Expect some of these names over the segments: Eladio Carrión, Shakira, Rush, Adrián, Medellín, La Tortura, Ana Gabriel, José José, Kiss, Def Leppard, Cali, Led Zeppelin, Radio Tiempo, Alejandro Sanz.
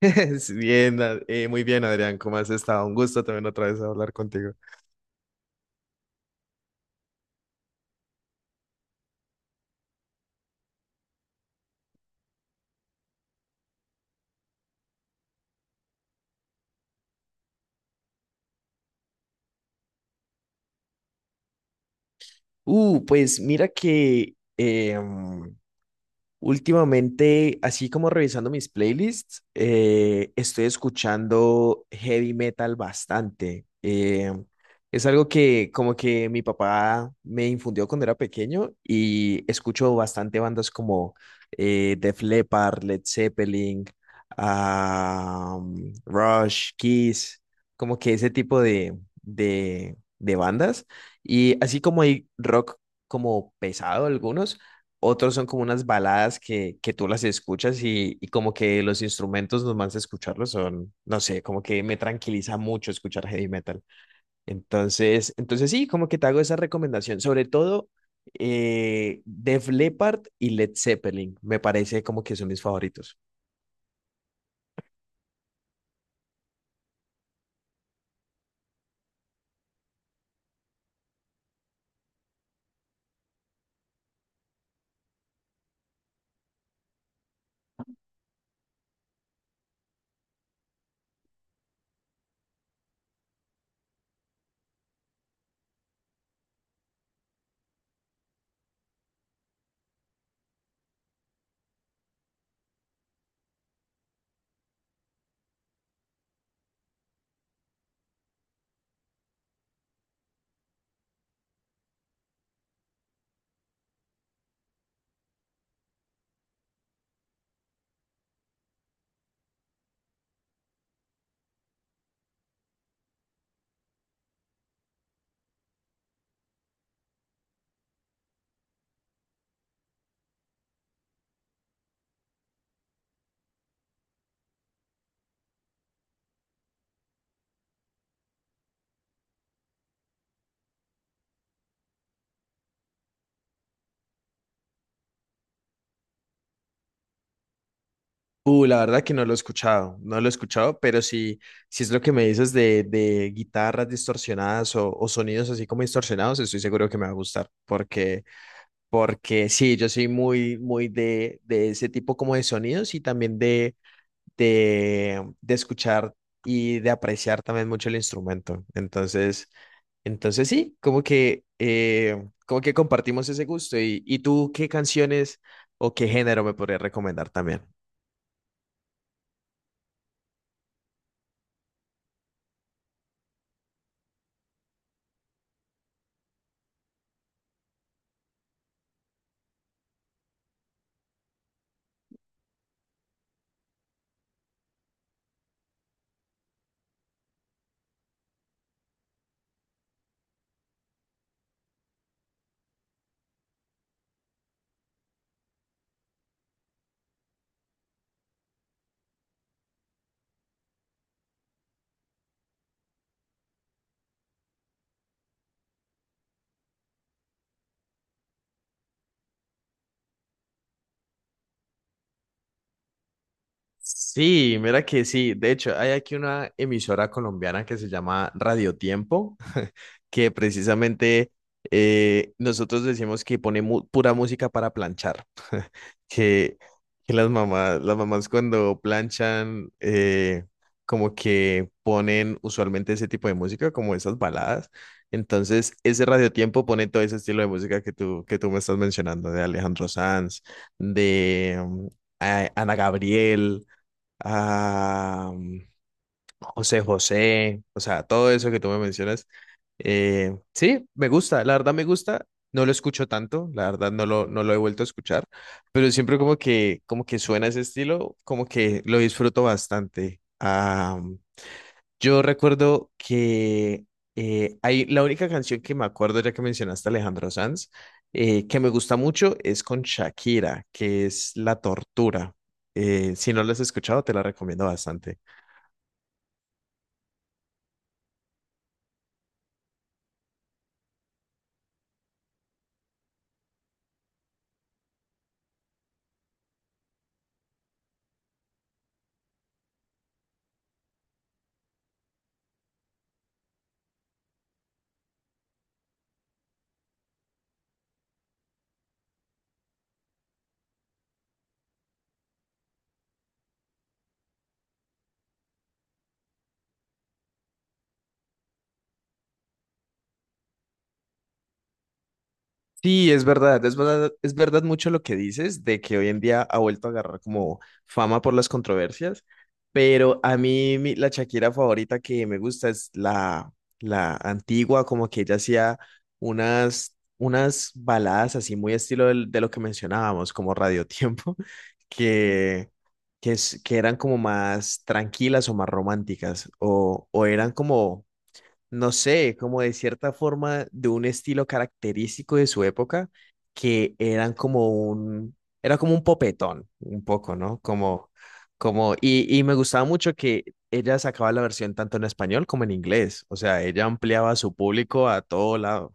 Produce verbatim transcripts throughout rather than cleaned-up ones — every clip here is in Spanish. Bien, Ad- eh, muy bien, Adrián, ¿cómo has estado? Un gusto también otra vez hablar contigo. Uh, pues mira que em, últimamente, así como revisando mis playlists, eh, estoy escuchando heavy metal bastante. Eh, es algo que como que mi papá me infundió cuando era pequeño y escucho bastante bandas como eh, Def Leppard, Led Zeppelin, ah, Rush, Kiss, como que ese tipo de, de, de bandas. Y así como hay rock como pesado algunos. Otros son como unas baladas que, que tú las escuchas y, y como que los instrumentos nomás de escucharlos son, no sé, como que me tranquiliza mucho escuchar heavy metal. Entonces, entonces sí, como que te hago esa recomendación. Sobre todo eh, Def Leppard y Led Zeppelin, me parece como que son mis favoritos. Uh, la verdad que no lo he escuchado, no lo he escuchado, pero si, si es lo que me dices de, de guitarras distorsionadas o, o sonidos así como distorsionados, estoy seguro que me va a gustar, porque porque sí, yo soy muy, muy de, de ese tipo como de sonidos y también de, de, de escuchar y de apreciar también mucho el instrumento. Entonces, entonces sí, como que, eh, como que compartimos ese gusto. ¿Y, y tú qué canciones o qué género me podrías recomendar también? Sí, mira que sí. De hecho, hay aquí una emisora colombiana que se llama Radio Tiempo, que precisamente eh, nosotros decimos que pone mu- pura música para planchar. Que, que las mamás, las mamás cuando planchan, eh, como que ponen usualmente ese tipo de música, como esas baladas. Entonces, ese Radio Tiempo pone todo ese estilo de música que tú, que tú me estás mencionando, de Alejandro Sanz, de mm, a- Ana Gabriel, a mm, José José, o sea, todo eso que tú me mencionas. Eh, sí, me gusta, la verdad me gusta. No lo escucho tanto, la verdad no lo, no lo he vuelto a escuchar, pero siempre como que, como que suena ese estilo, como que lo disfruto bastante. Ah, yo recuerdo que eh, hay la única canción que me acuerdo, ya que mencionaste a Alejandro Sanz, eh, que me gusta mucho es con Shakira, que es La Tortura. Eh, si no la has escuchado, te la recomiendo bastante. Sí, es verdad, es verdad, es verdad mucho lo que dices de que hoy en día ha vuelto a agarrar como fama por las controversias, pero a mí mi- la Shakira favorita que me gusta es la, la antigua, como que ella hacía unas, unas baladas así muy estilo del- de, lo que mencionábamos, como Radio Tiempo, que, que, es- que eran como más tranquilas o más románticas, o, o eran como no sé, como de cierta forma de un estilo característico de su época que eran como un, era como un popetón, un poco, ¿no? Como, como, y, y me gustaba mucho que ella sacaba la versión tanto en español como en inglés, o sea, ella ampliaba su público a todo lado.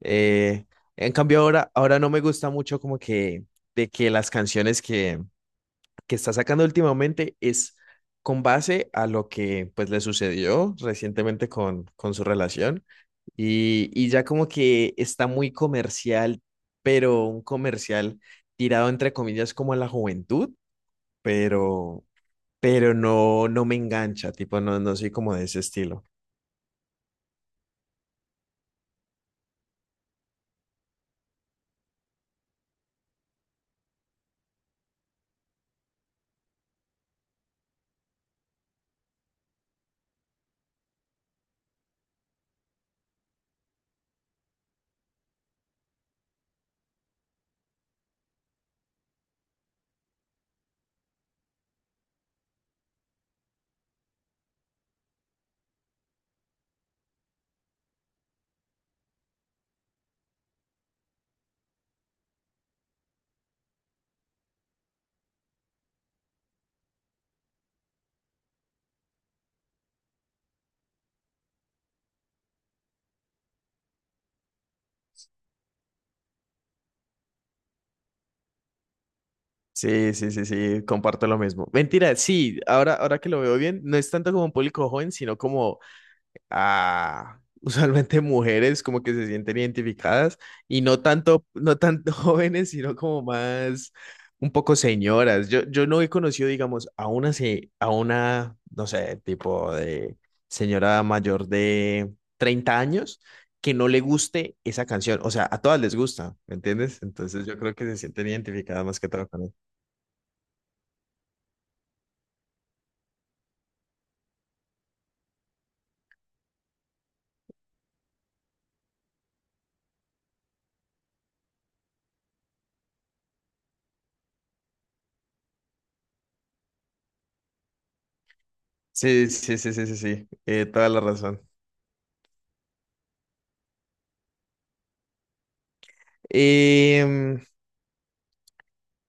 Eh, en cambio ahora, ahora no me gusta mucho como que, de que las canciones que, que está sacando últimamente es con base a lo que pues le sucedió recientemente con, con su relación y, y ya como que está muy comercial, pero un comercial tirado entre comillas como a la juventud, pero, pero no, no me engancha, tipo, no, no soy como de ese estilo. Sí, sí, sí, sí, comparto lo mismo. Mentira, sí, ahora, ahora que lo veo bien, no es tanto como un público joven, sino como a usualmente mujeres como que se sienten identificadas y no tanto, no tanto jóvenes, sino como más un poco señoras. Yo, yo no he conocido, digamos, a una, se- a una, no sé, tipo de señora mayor de treinta años que no le guste esa canción. O sea, a todas les gusta, ¿me entiendes? Entonces yo creo que se sienten identificadas más que todo con él. Sí, sí, sí, sí, sí, sí, eh, toda la razón. Em,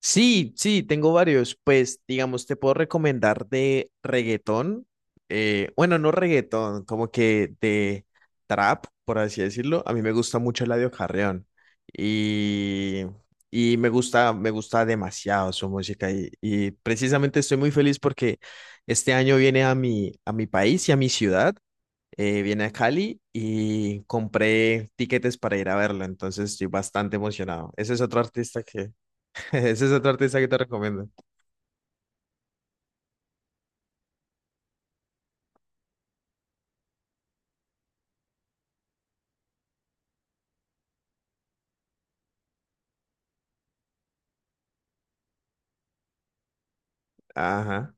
Sí, sí, tengo varios. Pues, digamos, te puedo recomendar de reggaetón. eh, bueno, no reggaetón, como que de trap, por así decirlo. A mí me gusta mucho Eladio Carrión. Y, y me gusta, me gusta demasiado su música. Y, y precisamente estoy muy feliz porque este año viene a mi, a mi país y a mi ciudad. eh, viene a Cali y compré tiquetes para ir a verlo. Entonces estoy bastante emocionado. Ese es otro artista que ese es otro artista que te recomiendo. Ajá.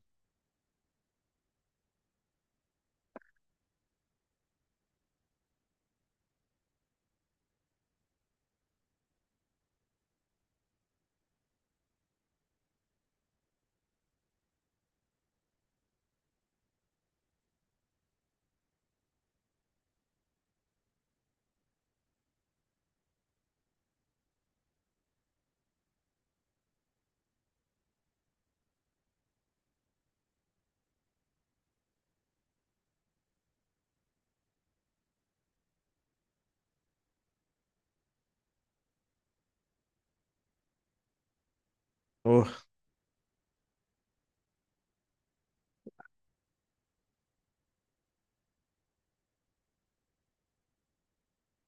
Uf,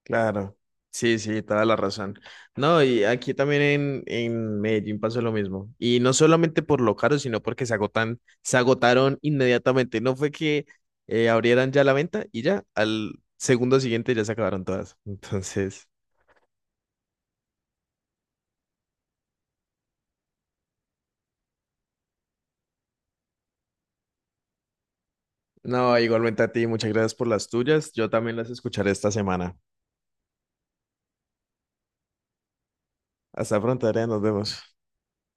claro. Sí, sí, toda la razón. No, y aquí también en, en Medellín pasó lo mismo. Y no solamente por lo caro, sino porque se agotan, se agotaron inmediatamente. No fue que eh, abrieran ya la venta y ya, al segundo siguiente ya se acabaron todas. Entonces, no, igualmente a ti, muchas gracias por las tuyas. Yo también las escucharé esta semana. Hasta pronto, Adrián, nos vemos.